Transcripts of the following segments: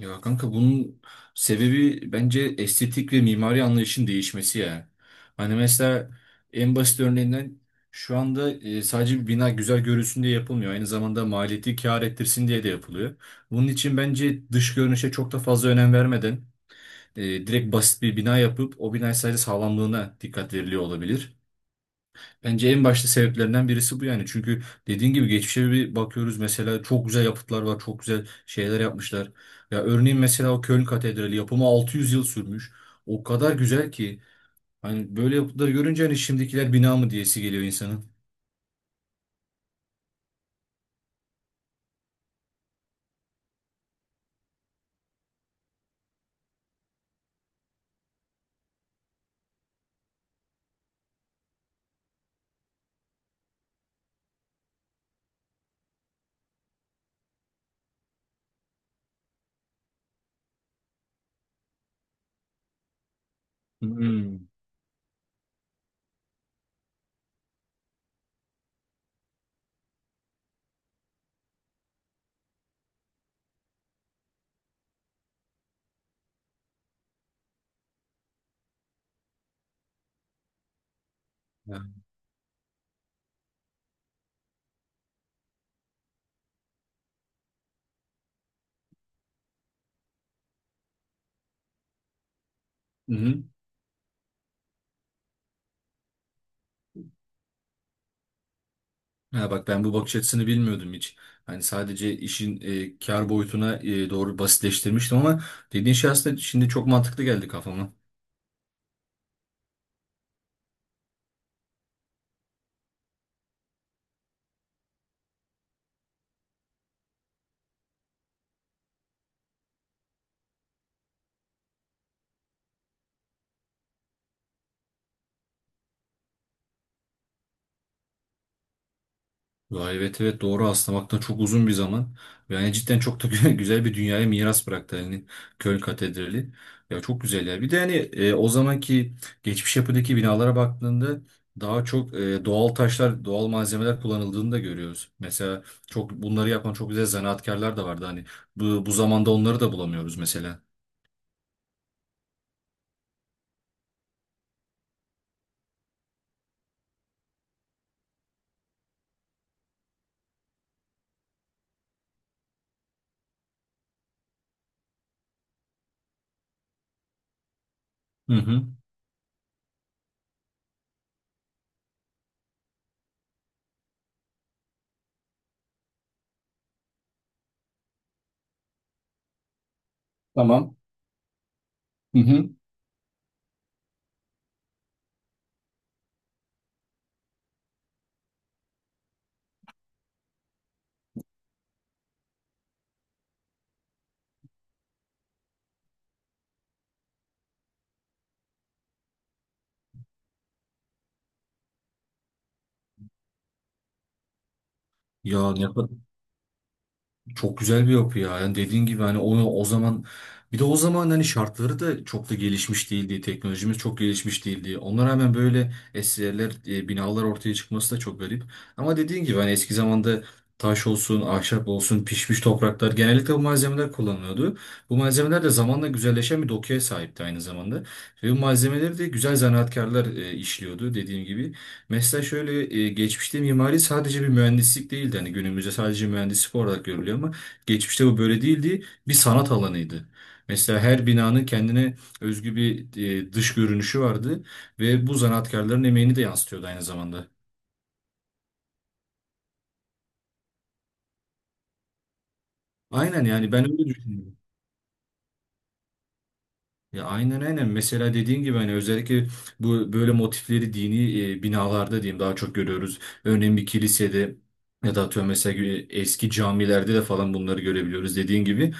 Ya kanka bunun sebebi bence estetik ve mimari anlayışın değişmesi ya. Hani mesela en basit örneğinden şu anda sadece bir bina güzel görülsün diye yapılmıyor. Aynı zamanda maliyeti kâr ettirsin diye de yapılıyor. Bunun için bence dış görünüşe çok da fazla önem vermeden direkt basit bir bina yapıp o bina sadece sağlamlığına dikkat veriliyor olabilir. Bence en başta sebeplerinden birisi bu yani. Çünkü dediğin gibi geçmişe bir bakıyoruz mesela çok güzel yapıtlar var, çok güzel şeyler yapmışlar. Ya örneğin mesela o Köln Katedrali yapımı 600 yıl sürmüş. O kadar güzel ki hani böyle yapıtları görünce hani şimdikiler bina mı diyesi geliyor insanın. Hmm. Ya. Hı hı. Ha bak ben bu bakış açısını bilmiyordum hiç. Hani sadece işin kar boyutuna doğru basitleştirmiştim ama dediğin şey aslında şimdi çok mantıklı geldi kafama. Ya evet evet doğru aslamaktan çok uzun bir zaman. Yani cidden çok da güzel bir dünyaya miras bıraktı hani Köln Katedrali. Ya çok güzel ya. Bir de hani o zamanki geçmiş yapıdaki binalara baktığında daha çok doğal taşlar, doğal malzemeler kullanıldığını da görüyoruz. Mesela çok bunları yapan çok güzel zanaatkarlar da vardı hani. Bu zamanda onları da bulamıyoruz mesela. Hı hı. Tamam. Hı hı. Ya ne, Çok güzel bir yapı ya. Yani dediğin gibi hani onu o zaman bir de o zaman hani şartları da çok da gelişmiş değildi. Teknolojimiz çok gelişmiş değildi. Ona rağmen böyle eserler, binalar ortaya çıkması da çok garip. Ama dediğin gibi hani eski zamanda taş olsun, ahşap olsun, pişmiş topraklar genellikle bu malzemeler kullanılıyordu. Bu malzemeler de zamanla güzelleşen bir dokuya sahipti aynı zamanda. Ve bu malzemeleri de güzel zanaatkarlar işliyordu dediğim gibi. Mesela şöyle geçmişte mimari sadece bir mühendislik değildi. Hani günümüzde sadece mühendislik olarak görülüyor ama geçmişte bu böyle değildi. Bir sanat alanıydı. Mesela her binanın kendine özgü bir dış görünüşü vardı ve bu zanaatkarların emeğini de yansıtıyordu aynı zamanda. Aynen yani ben öyle düşünüyorum. Ya aynen aynen. Mesela dediğin gibi hani özellikle bu böyle motifleri dini binalarda diyeyim daha çok görüyoruz. Örneğin bir kilisede ya da atıyorum mesela eski camilerde de falan bunları görebiliyoruz dediğin gibi.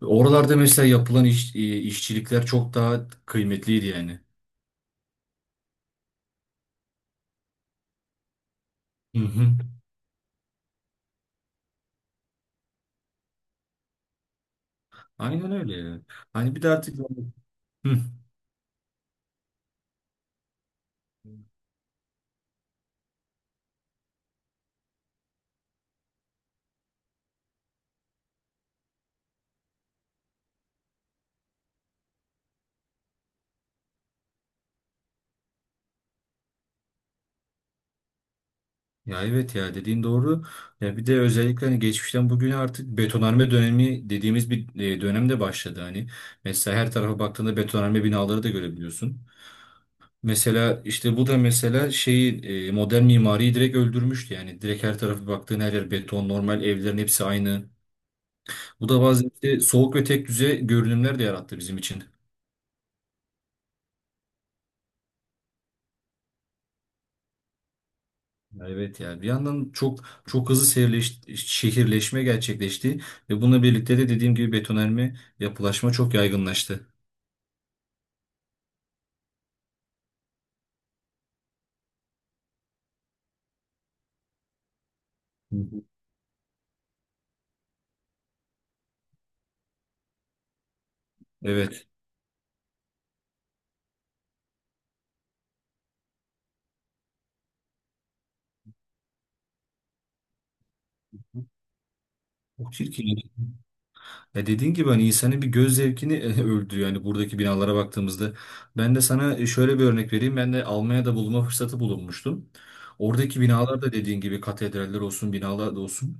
Oralarda mesela yapılan iş, işçilikler çok daha kıymetliydi yani. Hı hı. Aynen öyle. Yani hani bir de artık. Hı. Ya evet ya dediğin doğru. Ya bir de özellikle hani geçmişten bugüne artık betonarme dönemi dediğimiz bir dönem de başladı hani. Mesela her tarafa baktığında betonarme binaları da görebiliyorsun. Mesela işte bu da mesela şeyi modern mimariyi direkt öldürmüştü yani. Direkt her tarafa baktığın her yer beton, normal evlerin hepsi aynı. Bu da bazen işte soğuk ve tek düze görünümler de yarattı bizim için. Evet yani bir yandan çok çok hızlı şehirleşme gerçekleşti ve bununla birlikte de dediğim gibi betonarme yapılaşma çok yaygınlaştı. Hı hı. Evet. Çok çirkin. Ya dediğin gibi hani insanın bir göz zevkini öldürüyor. Yani buradaki binalara baktığımızda. Ben de sana şöyle bir örnek vereyim. Ben de Almanya'da bulunma fırsatı bulunmuştum. Oradaki binalar da dediğin gibi katedraller olsun, binalar da olsun.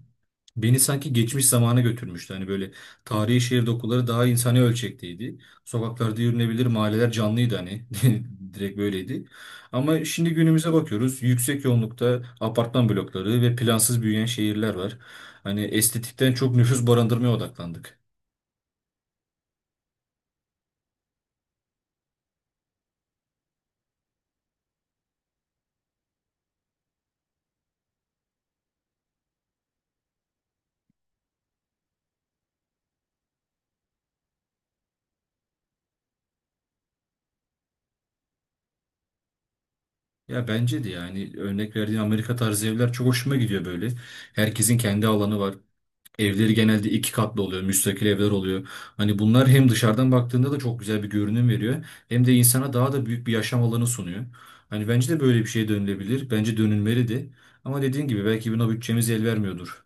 Beni sanki geçmiş zamana götürmüştü. Hani böyle tarihi şehir dokuları daha insani ölçekteydi. Sokaklarda yürünebilir, mahalleler canlıydı hani. Direkt böyleydi. Ama şimdi günümüze bakıyoruz. Yüksek yoğunlukta apartman blokları ve plansız büyüyen şehirler var. Hani estetikten çok nüfus barındırmaya odaklandık. Ya bence de yani örnek verdiğin Amerika tarzı evler çok hoşuma gidiyor böyle. Herkesin kendi alanı var. Evleri genelde iki katlı oluyor, müstakil evler oluyor. Hani bunlar hem dışarıdan baktığında da çok güzel bir görünüm veriyor, hem de insana daha da büyük bir yaşam alanı sunuyor. Hani bence de böyle bir şey dönülebilir. Bence dönülmeli de. Ama dediğin gibi belki buna bütçemiz el vermiyordur.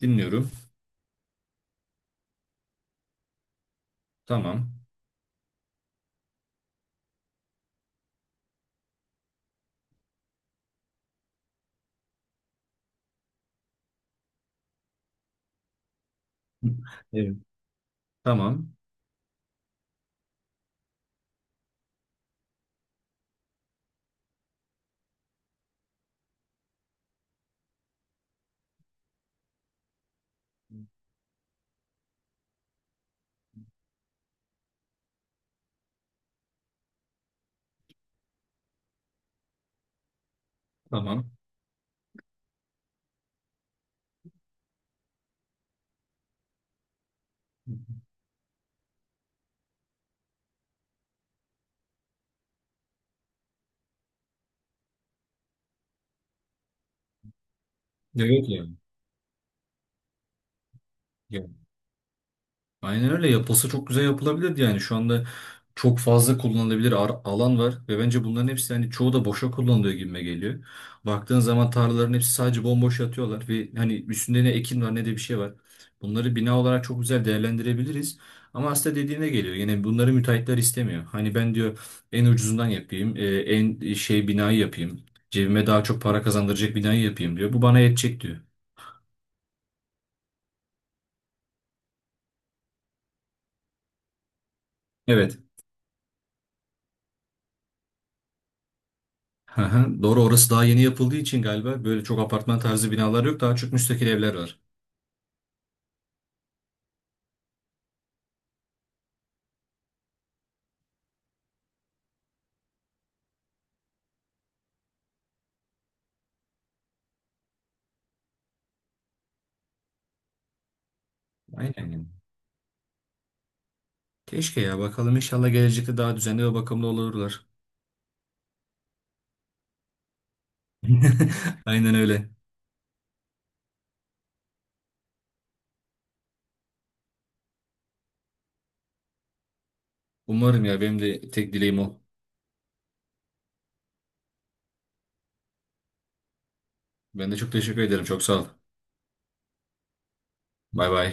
Dinliyorum. Tamam. Evet. Tamam. Tamam. Ya yok yani. Aynen öyle yapılsa çok güzel yapılabilirdi yani şu anda çok fazla kullanılabilir alan var ve bence bunların hepsi hani çoğu da boşa kullanılıyor gibime geliyor. Baktığın zaman tarlaların hepsi sadece bomboş yatıyorlar ve hani üstünde ne ekin var ne de bir şey var. Bunları bina olarak çok güzel değerlendirebiliriz. Ama aslında dediğine geliyor. Yine bunları müteahhitler istemiyor. Hani ben diyor en ucuzundan yapayım, şey binayı yapayım. Cebime daha çok para kazandıracak binayı yapayım diyor. Bu bana yetecek diyor. Evet. Hı hı, doğru orası daha yeni yapıldığı için galiba böyle çok apartman tarzı binalar yok. Daha çok müstakil evler var. Aynen. Yani, keşke ya bakalım inşallah gelecekte daha düzenli ve bakımlı olurlar. Aynen öyle. Umarım ya benim de tek dileğim o. Ben de çok teşekkür ederim. Çok sağ ol. Bay bay.